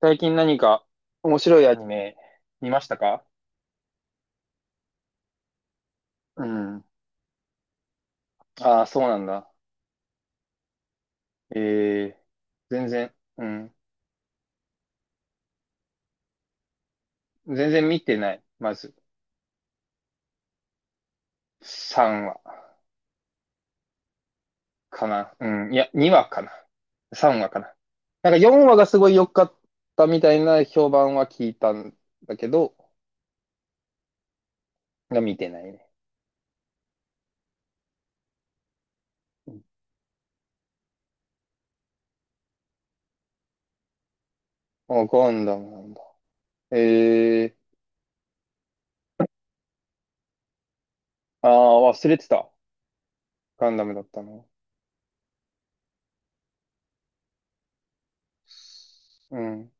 最近何か面白いアニメ見ましたか？うん。ああ、そうなんだ。ええ、全然、うん。全然見てない。まず、3話かな。うん。いや、2話かな。3話かな。なんか4話がすごい良かったみたいな評判は聞いたんだけど、が見てないね。あ、ガンダムなんだ。ええ、ああ、忘れてた。ガンダムだったの。うん、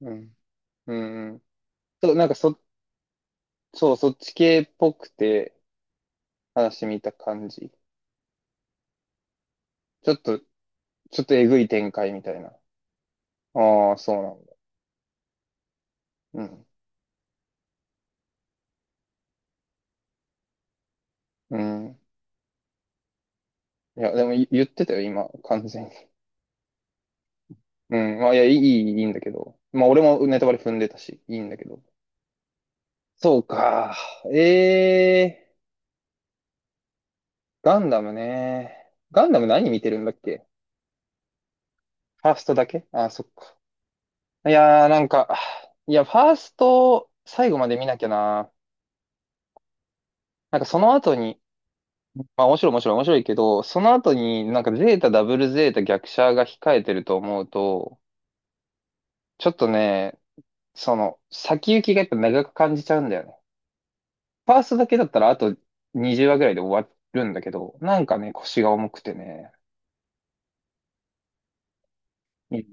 うん、うん、うん。そう、なんかそ、そう、そっち系っぽくて、話見た感じ。ちょっとえぐい展開みたいな。ああ、そうなんだ。うん。うん。いや、でもい言ってたよ、今、完全に。うん。まあ、いや、いいんだけど。まあ、俺もネタバレ踏んでたし、いいんだけど。そうか。ええー、ガンダムね。ガンダム何見てるんだっけ？ファーストだけ、ああ、そっか。いやー、なんか、いや、ファースト、最後まで見なきゃな。なんかその後に、まあ面白いけど、その後になんかゼータダブルゼータ逆車が控えてると思うと、ちょっとね、その先行きがやっぱ長く感じちゃうんだよね。ファーストだけだったらあと20話ぐらいで終わるんだけど、なんかね、腰が重くてね。う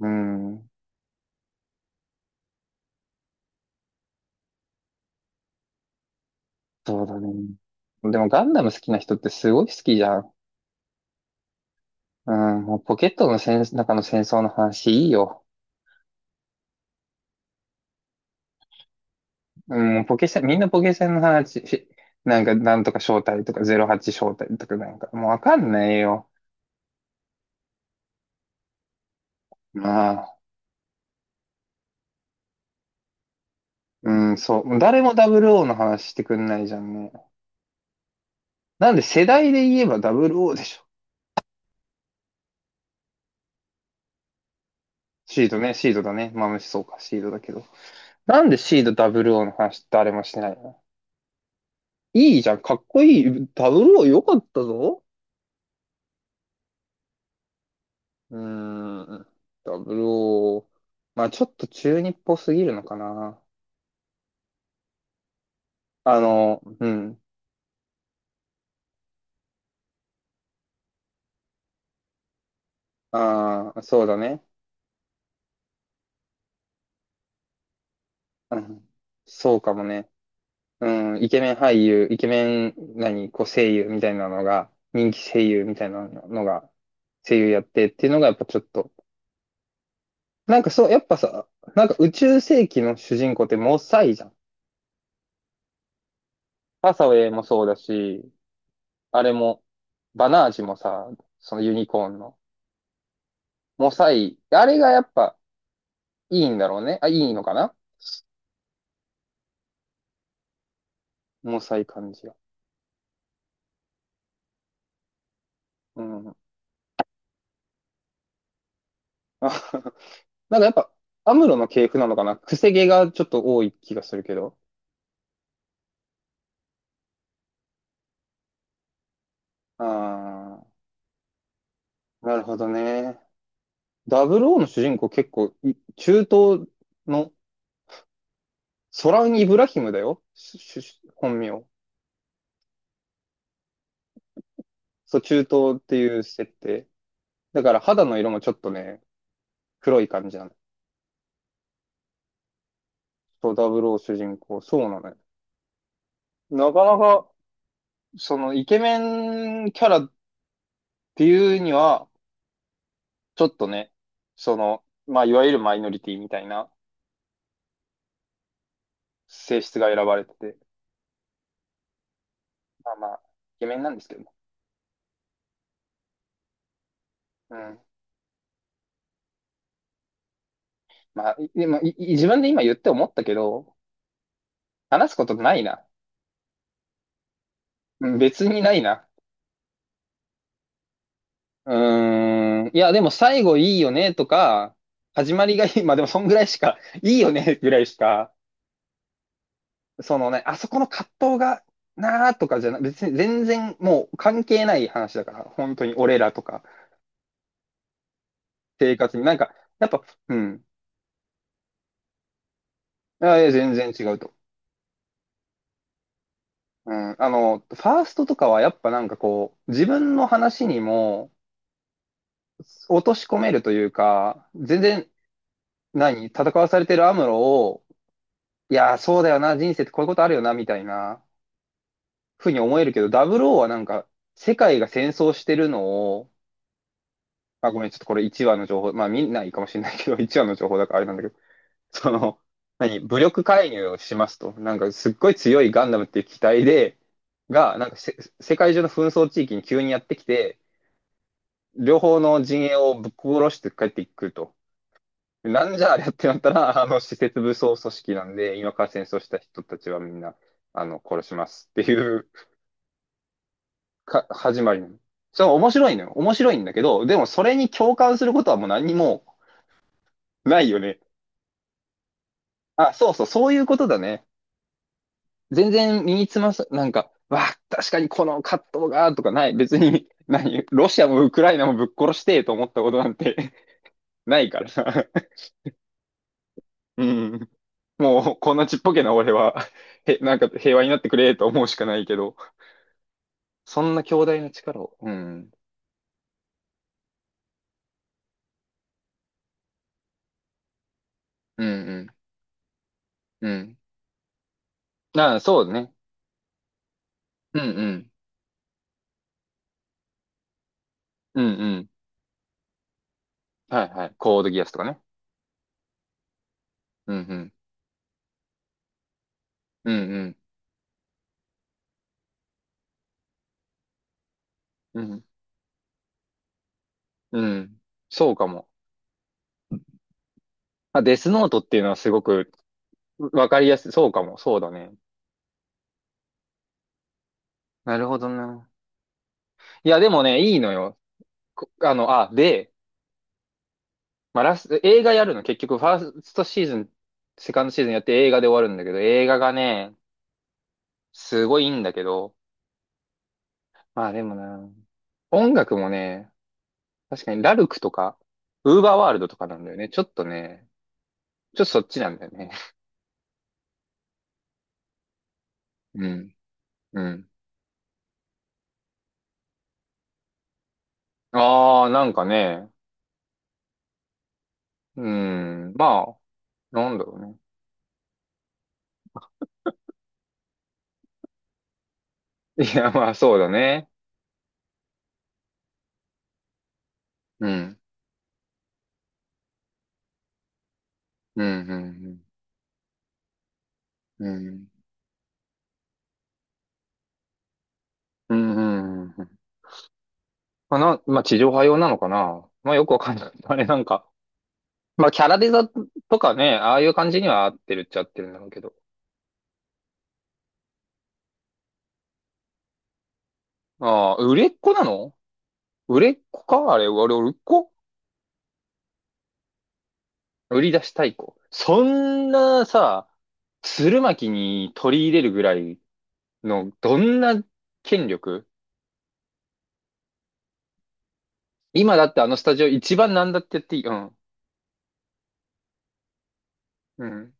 ん、うん、そうだね。でもガンダム好きな人ってすごい好きじゃん。うん、もうポケットの戦、中の戦争の話いいよ。うん、ポケセン、みんなポケセンの話、し、なんか、なんとか招待とか、08招待とかなんか、もうわかんないよ。まあ、うん、そう。誰もダブルオーの話してくんないじゃんね。なんで世代で言えばダブルオーでしょ。シードね、シードだね。まあ、むしそうか、シードだけど。なんでシードダブルオーの話誰もしてないの？いいじゃん、かっこいい。ダブルオー良かったぞ。うーん、ダブルオー、まあ、ちょっと中二っぽすぎるのかな。あの、うん。ああ、そうだね。うん。そうかもね。うん。イケメン俳優、イケメン、何、こう声優みたいなのが、人気声優みたいなのが、声優やってっていうのがやっぱちょっと、やっぱさ、なんか宇宙世紀の主人公ってモサイじゃん。ハサウェイもそうだし、あれも、バナージもさ、そのユニコーンの、モサイ、あれがやっぱいいんだろうね。あ、いいのかな、モサイ感じが。うん。なんかやっぱ、アムロの系譜なのかな、癖毛がちょっと多い気がするけど。ああ、なるほどね。00の主人公結構い、中東の、ソランイブラヒムだよ。しし本名。そう、中東っていう設定。だから肌の色もちょっとね、黒い感じなの。そう、00主人公。そうなのよ。なかなか、その、イケメンキャラっていうには、ちょっとね、その、まあ、いわゆるマイノリティみたいな性質が選ばれてて、まあまあ、イケメンなんですけども。うん。まあ、いでも、いい自分で今言って思ったけど、話すことないな。うん、別にないな。うーん。いや、でも最後いいよねとか、始まりがいい。まあでもそんぐらいしか、いいよねぐらいしか、そのね、あそこの葛藤がなーとかじゃな、別に全然もう関係ない話だから、本当に俺らとか生活に。なんか、やっぱ、うん。いやいや、全然違うと。うん。あの、ファーストとかはやっぱなんかこう、自分の話にも、落とし込めるというか、全然、何、戦わされてるアムロを、いやー、そうだよな、人生ってこういうことあるよな、みたいな、ふうに思えるけど、00はなんか、世界が戦争してるのを、まあ、ごめん、ちょっとこれ1話の情報、まあ見ないかもしれないけど、1話の情報だからあれなんだけど、その、何、武力介入をしますと。なんか、すっごい強いガンダムっていう機体で、が、なんかせ、世界中の紛争地域に急にやってきて、両方の陣営をぶっ殺して帰っていくと。なんじゃあれってなったら、あの、施設武装組織なんで、今から戦争した人たちはみんな、あの、殺しますっていうか、始まりなの。そう、面白いのよ。面白いんだけど、でもそれに共感することはもう何にもないよね。あ、そうそう、そういうことだね。全然身につまさ、なんか、わあ、確かにこの葛藤が、とかない。別に、何、ロシアもウクライナもぶっ殺してと思ったことなんて ないからさ。うん。もう、こんなちっぽけな俺は、へ、なんか平和になってくれと思うしかないけど。そんな強大な力を。うん。うんうん。うん。ああ、そうね。うんうん。うんうん。はいはい。コードギアスとかね。うんうん。うんうん。うん。うん。そうかも。まあ、デスノートっていうのはすごくわかりやすい。そうかも。そうだね。なるほどな。いや、でもね、いいのよ。こあの、あ、で、まあ、ラス、映画やるの。結局、ファーストシーズン、セカンドシーズンやって映画で終わるんだけど、映画がね、すごいいいんだけど、まあでもな、音楽もね、確かに、ラルクとか、ウーバーワールドとかなんだよね。ちょっとね、ちょっとそっちなんだよね。うん、うん。ああ、なんかね、うん、まあ、なんだろうね。いや、まあ、そうだね。うん、うん、うん、うん、うん、うん、まあ、な、まあ、地上波用なのかな。まあ、よくわかんない。あれ、なんか。まあ、キャラデザとかね、ああいう感じには合ってるっちゃ合ってるんだろうけど。ああ、売れっ子なの？売れっ子かあれ、俺、売れっ子、売り出したい子。そんなさ、鶴巻に取り入れるぐらいの、どんな権力、今だってあのスタジオ一番なんだって言っていい。うん。うん。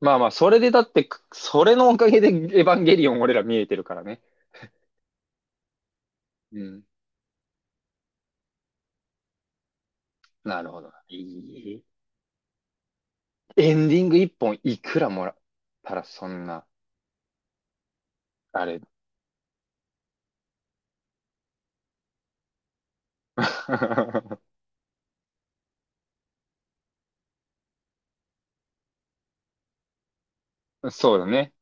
まあまあ、それでだって、くそれのおかげでエヴァンゲリオン俺ら見えてるからね。うん。なるほど。いい。エンディング一本いくらもらったらそんな、あれ。そうだね。